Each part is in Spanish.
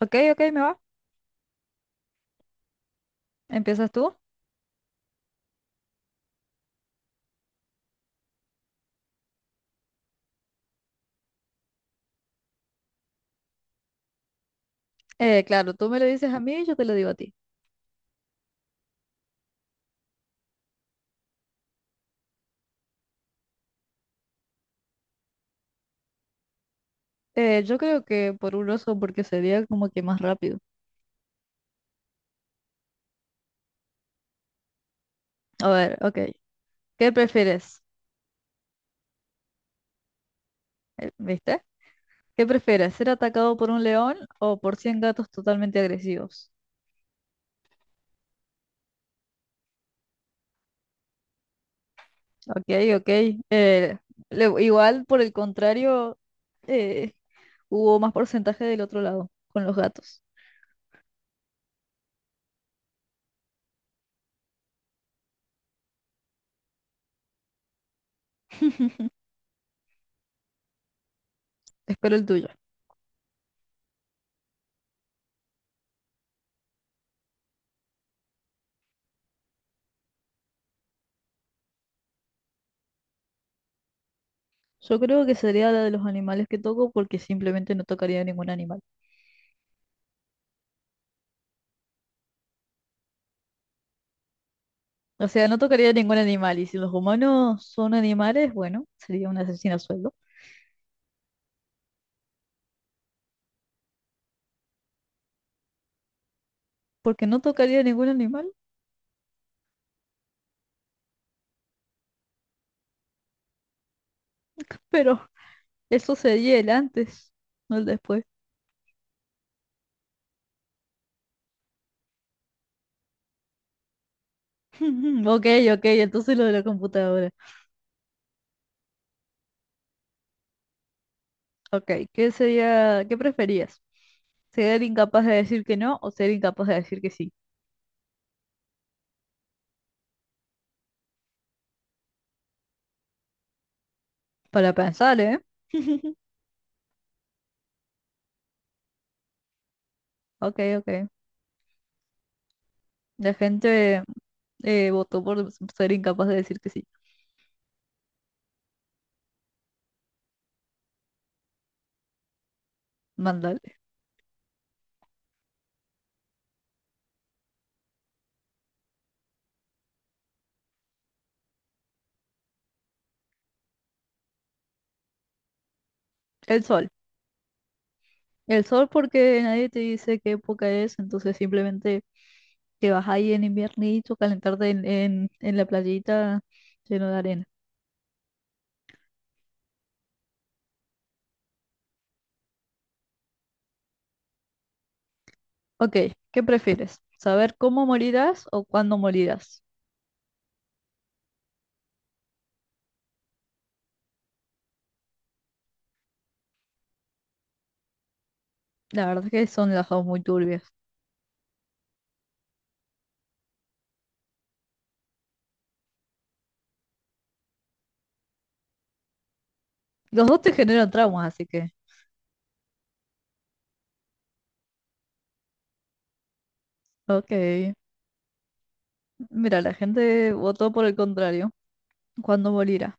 Ok, ok, me va. Empiezas tú. Claro, tú me lo dices a mí y yo te lo digo a ti. Yo creo que por un oso porque sería como que más rápido. A ver, ok. ¿Qué prefieres? ¿Viste? ¿Qué prefieres? ¿Ser atacado por un león o por 100 gatos totalmente agresivos? Ok, ok. Eh, Igual, por el contrario, eh, hubo más porcentaje del otro lado con los gatos. Espero el tuyo. Yo creo que sería la de los animales que toco porque simplemente no tocaría ningún animal. O sea, no tocaría ningún animal. Y si los humanos son animales, bueno, sería un asesino a sueldo. Porque no tocaría ningún animal. Pero eso sería el antes, no el después. Ok, ok, entonces lo de la computadora. Ok, ¿qué sería, qué preferías? ¿Ser incapaz de decir que no o ser incapaz de decir que sí? Para pensar, ¿eh? Ok, ok. La gente votó por ser incapaz de decir que sí. Mandale. El sol. El sol porque nadie te dice qué época es, entonces simplemente te vas ahí en inviernito, calentarte en la playita lleno de arena. Ok, ¿qué prefieres? ¿Saber cómo morirás o cuándo morirás? La verdad es que son las dos muy turbias. Los dos te generan traumas, así que... Ok, mira, la gente votó por el contrario. ¿Cuándo morirá?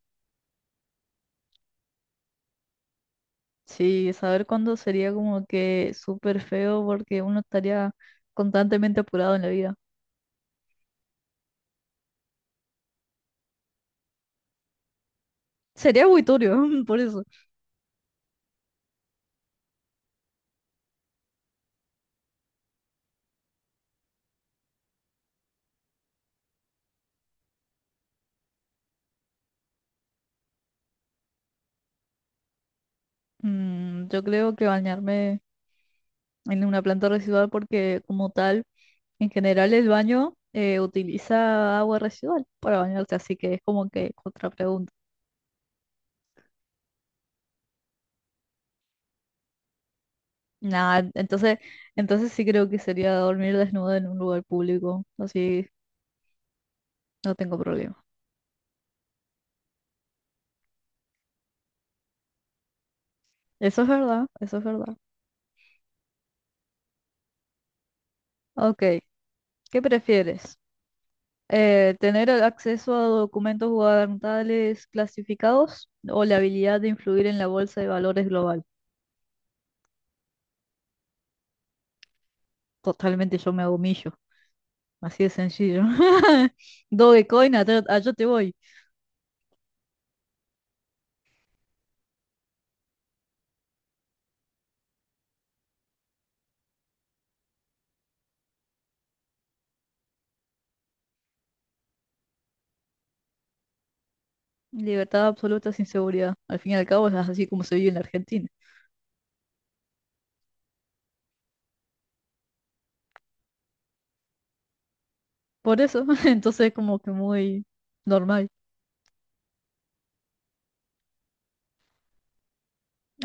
Sí, saber cuándo sería como que súper feo porque uno estaría constantemente apurado en la vida. Sería muy turbio, por eso. Yo creo que bañarme en una planta residual porque como tal, en general el baño utiliza agua residual para bañarse, así que es como que otra pregunta. Nada, entonces sí creo que sería dormir desnudo en un lugar público, así no tengo problema. Eso es verdad, eso es verdad. Ok, ¿qué prefieres? ¿Tener el acceso a documentos gubernamentales clasificados o la habilidad de influir en la bolsa de valores global? Totalmente yo me hago millo. Así de sencillo. Dogecoin, allá, allá te voy. Libertad absoluta sin seguridad. Al fin y al cabo es así como se vive en la Argentina. Por eso, entonces es como que muy normal.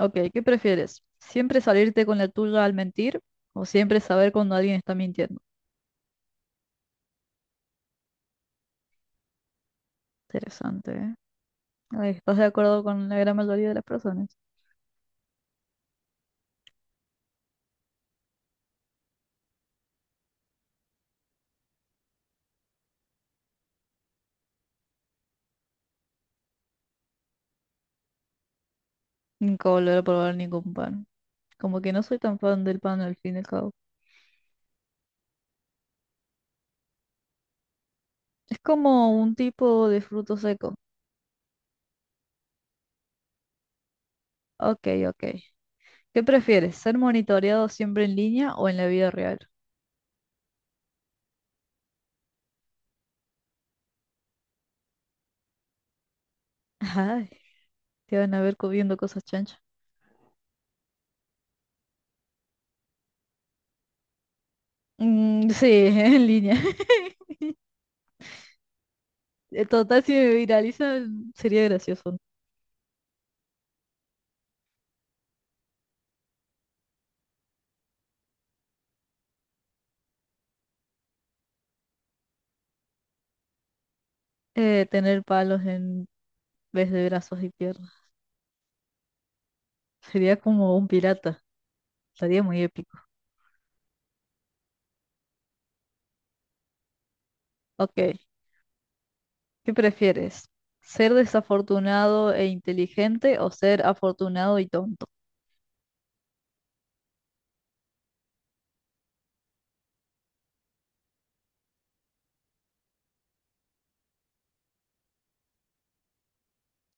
Ok, ¿qué prefieres? ¿Siempre salirte con la tuya al mentir o siempre saber cuando alguien está mintiendo? Interesante, ¿eh? Ay, ¿estás de acuerdo con la gran mayoría de las personas? Nunca volveré a probar ningún pan. Como que no soy tan fan del pan al fin y al cabo. Es como un tipo de fruto seco. Ok, ok. ¿Qué prefieres? ¿Ser monitoreado siempre en línea o en la vida real? Ay, te van a ver comiendo cosas chanchas. Mm, sí, en línea. Total, si me viralizan, sería gracioso, ¿no? Tener palos en vez de brazos y piernas. Sería como un pirata. Sería muy épico. Ok, ¿qué prefieres? ¿Ser desafortunado e inteligente o ser afortunado y tonto?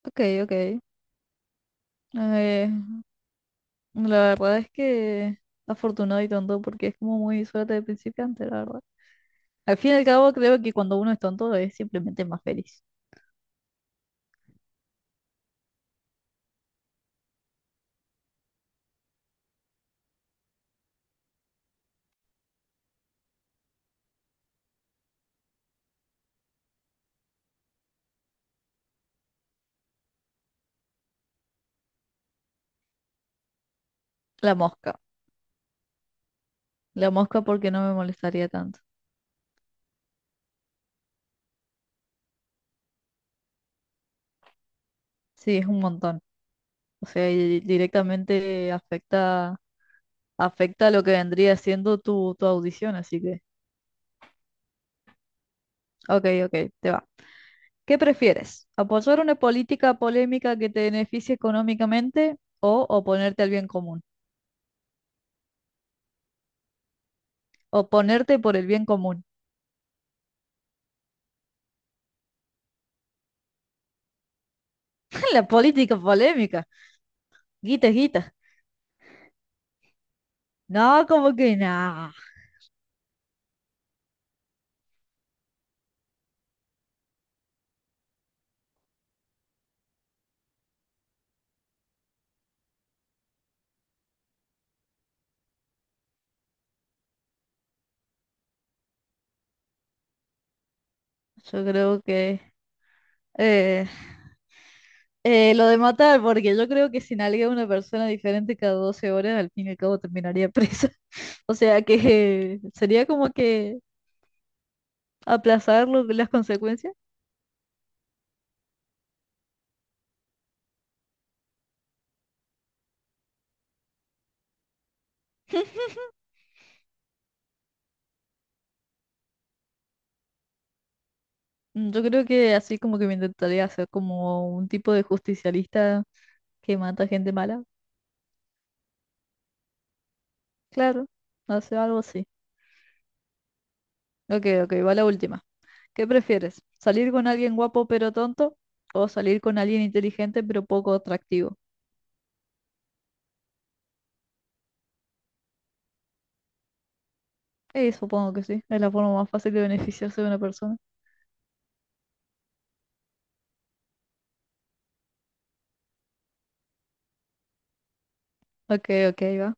Ok, ok. Eh, la verdad es que afortunado y tonto porque es como muy suerte de principiante, la verdad. Al fin y al cabo, creo que cuando uno es tonto es simplemente más feliz. La mosca. La mosca porque no me molestaría tanto. Sí, es un montón. O sea, y directamente afecta, lo que vendría siendo tu audición, así que, ok, ok, te va. ¿Qué prefieres? ¿Apoyar una política polémica que te beneficie económicamente o oponerte al bien común? Oponerte por el bien común. La política polémica. Guita, es guita. No, como que nada. Yo creo que Eh, lo de matar, porque yo creo que si nalguea a una persona diferente cada 12 horas, al fin y al cabo terminaría presa. O sea que sería como que aplazar las consecuencias. Yo creo que así como que me intentaría hacer como un tipo de justicialista que mata gente mala. Claro, no sé, algo así. Ok, ok, va la última. ¿Qué prefieres? ¿Salir con alguien guapo pero tonto? ¿O salir con alguien inteligente pero poco atractivo? Supongo que sí. Es la forma más fácil de beneficiarse de una persona. Ok, ok, va.